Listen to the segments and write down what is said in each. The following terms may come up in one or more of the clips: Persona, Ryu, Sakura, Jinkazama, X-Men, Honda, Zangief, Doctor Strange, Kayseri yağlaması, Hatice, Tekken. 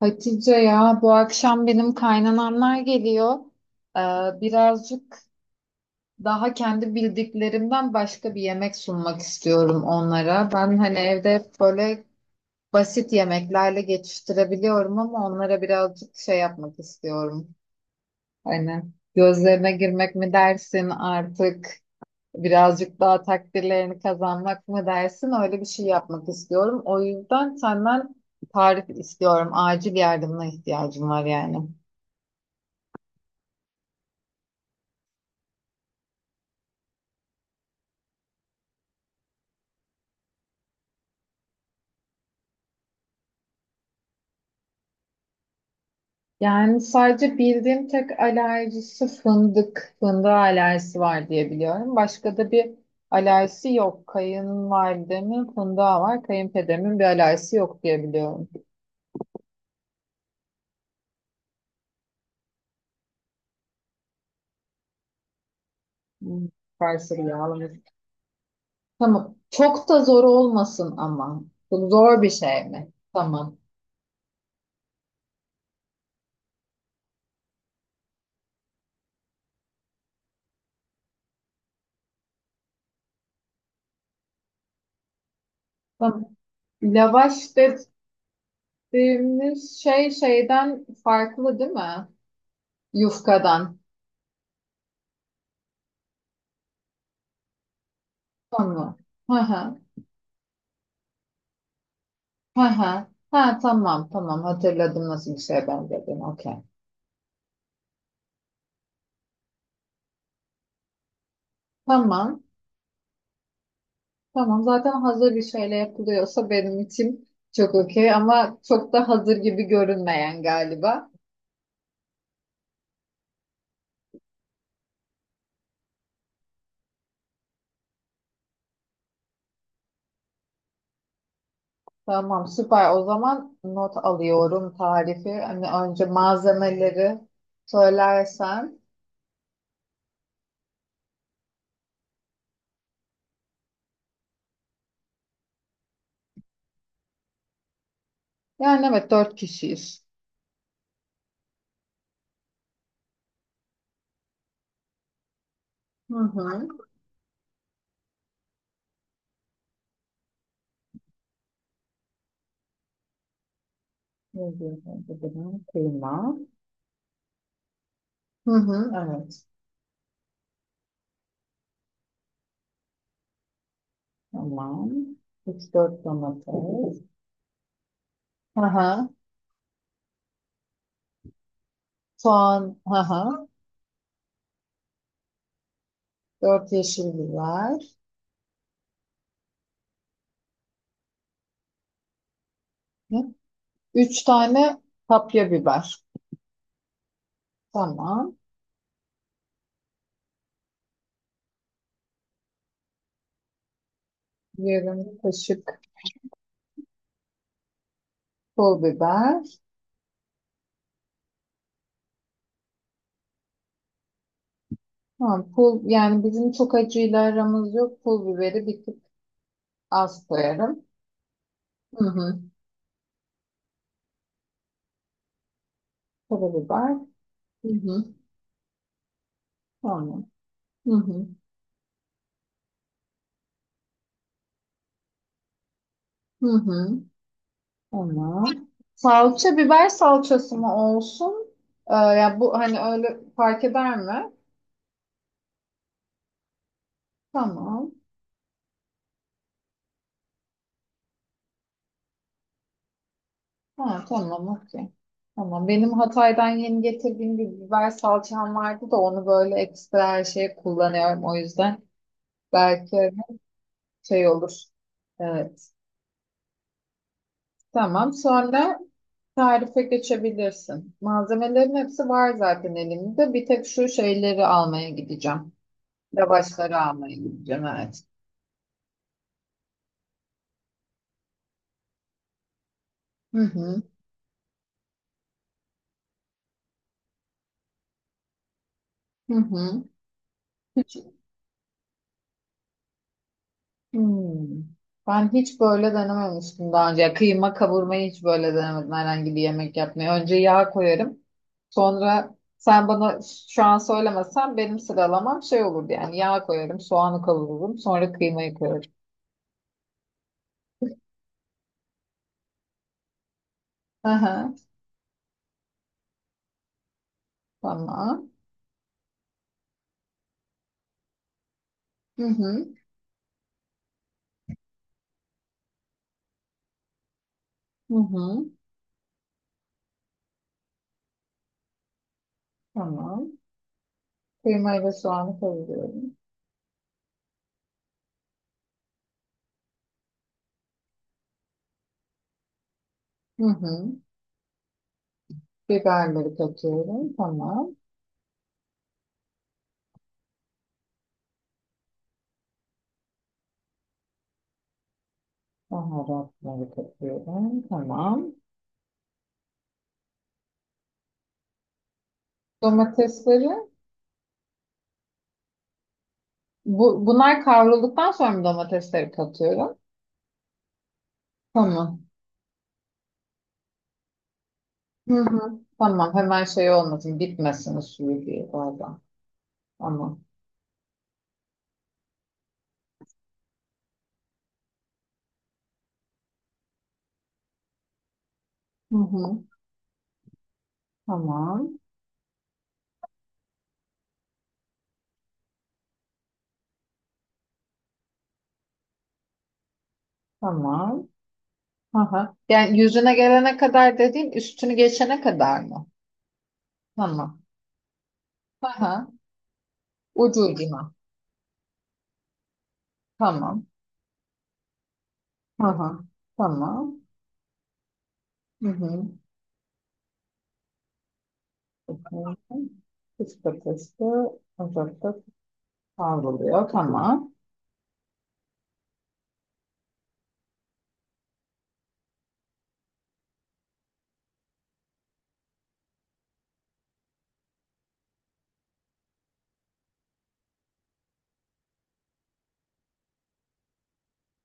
Hatice ya bu akşam benim kaynanamlar geliyor. Ee, Birazcık daha kendi bildiklerimden başka bir yemek sunmak istiyorum onlara. Ben hani evde hep böyle basit yemeklerle geçiştirebiliyorum ama onlara birazcık şey yapmak istiyorum. Hani gözlerine girmek mi dersin artık birazcık daha takdirlerini kazanmak mı dersin öyle bir şey yapmak istiyorum. O yüzden senden tarif istiyorum. Acil yardımına ihtiyacım var yani. Yani sadece bildiğim tek alerjisi fındık. Fındığı alerjisi var diye biliyorum. Başka da bir alerjisi yok. Kayınvalidemin fındığa var. Kayınpederimin bir alerjisi yok diye biliyorum. Hmm, Kayseri yağlaması. Tamam. Çok da zor olmasın ama. Bu zor bir şey mi? Tamam. Tamam. Lavaş dediğimiz şey şeyden farklı değil mi? Yufkadan. Tamam. Hı hı. Hı hı. Ha, tamam, tamam, hatırladım nasıl bir şeye benzediğini. Okey. Tamam. Tamam, zaten hazır bir şeyle yapılıyorsa benim için çok okey ama çok da hazır gibi görünmeyen galiba. Tamam, süper, o zaman not alıyorum tarifi. Hani önce malzemeleri söylersen. Yani evet, dört kişiyiz. Hı hı. Ne diyorsun? Bu da kıyma. Hı hı, evet. Tamam. Üç dört domates. Hı hı. Soğan, haha, 4 yeşil biber, hı, üç tane kapya biber. Tamam. Yarım kaşık pul biber. Tamam, pul, yani bizim çok acıyla aramız yok. Pul biberi bir tık az koyarım. Hı hı. Karabiber. Hı hı. Tamam. Hı hı. Hı hı. Tamam. Salça biber salçası mı olsun? Ya bu hani öyle fark eder mi? Tamam. Ha, tamam, okey. Tamam. Benim Hatay'dan yeni getirdiğim bir biber salçam vardı da onu böyle ekstra her şeye kullanıyorum. O yüzden belki şey olur. Evet. Tamam. Sonra tarife geçebilirsin. Malzemelerin hepsi var zaten elimde. Bir tek şu şeyleri almaya gideceğim. Lavaşları almaya gideceğim. Evet. Hı hı. Hı hı. Hmm. Ben hiç böyle denememiştim daha önce. Ya kıyma kavurmayı hiç böyle denemedim herhangi bir yemek yapmayı. Önce yağ koyarım. Sonra sen bana şu an söylemesen benim sıralamam şey olurdu yani. Yağ koyarım, soğanı kavururum, sonra kıymayı koyarım. Aha, tamam. Hı hı. Hı hı. Tamam. Kıymayı ve soğanı kavuruyorum. Hı hı. Biberleri katıyorum. Tamam. Baharatları katıyorum. Tamam. Domatesleri. Bunlar kavrulduktan sonra mı domatesleri katıyorum? Tamam. Hı hı. Tamam. Hemen şey olmasın. Bitmesin suyu diye orada. Tamam. Hı hı. Tamam. Tamam. Aha. Yani yüzüne gelene kadar dediğin üstünü geçene kadar mı? Tamam. Aha. Ucu ucuna. Tamam. Aha. Tamam. Hı hı. Bakın. Kış patatesi ocakta kavruluyor. Tamam.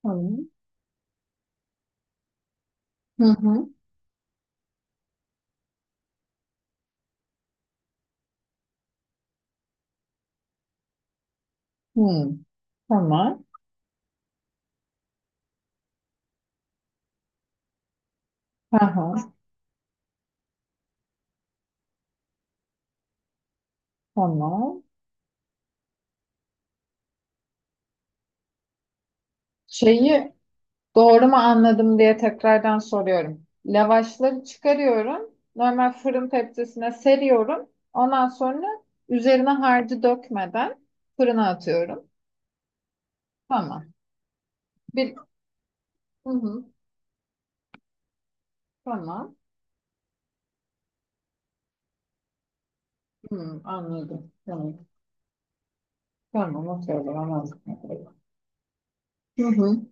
Tamam. Hı hı. Hı. Tamam. Aha. Tamam. Şeyi doğru mu anladım diye tekrardan soruyorum. Lavaşları çıkarıyorum. Normal fırın tepsisine seriyorum. Ondan sonra üzerine harcı dökmeden fırına atıyorum. Tamam. Bir, hı hı, tamam. Hı, anladım. Tamam. Tamam, atıyorum. Anladım. Hı hı,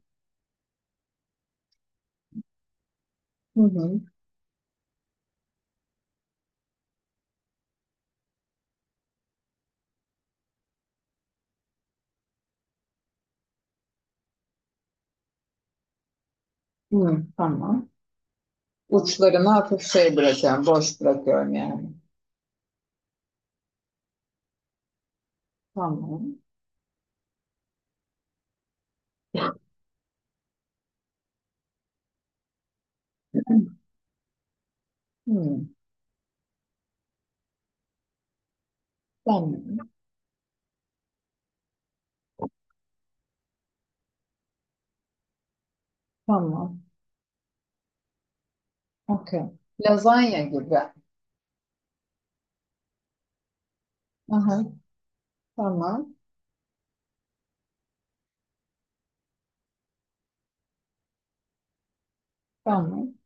hı hı, hı, tamam. Uçlarına hafif şey bırakıyorum, boş bırakıyorum yani. Tamam. Hı, tamam, tamam. Okey. Lazanya gibi. Aha, tamam. Tamam.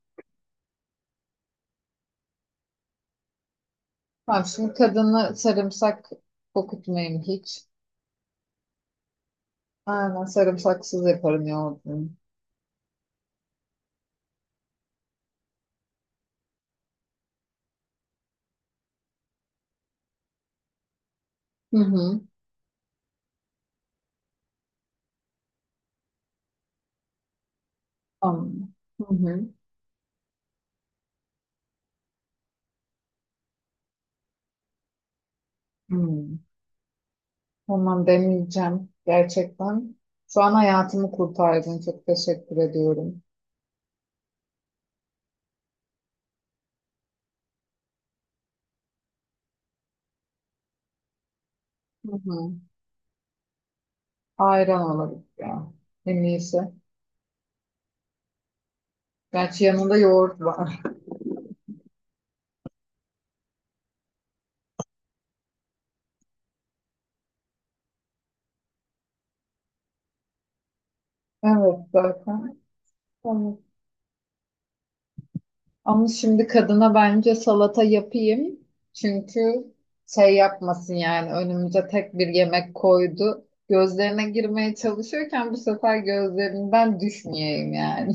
Tamam, şimdi kadını sarımsak kokutmayayım hiç. Aynen, sarımsaksız yaparım yoğurdunu. Hı hı. Tamam. Hı hı. Hı. Tamam demeyeceğim. Gerçekten. Şu an hayatımı kurtardın. Çok teşekkür ediyorum. Hı hı. Ayran olabilir ya. En iyisi. Gerçi yanında yoğurt var. Evet, zaten. Tamam. Ama şimdi kadına bence salata yapayım. Çünkü şey yapmasın yani, önümüze tek bir yemek koydu. Gözlerine girmeye çalışıyorken bu sefer gözlerinden düşmeyeyim yani.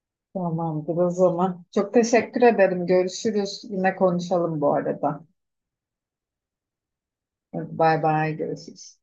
Tamamdır o zaman. Çok teşekkür ederim. Görüşürüz. Yine konuşalım bu arada. Bay bay, görüşürüz.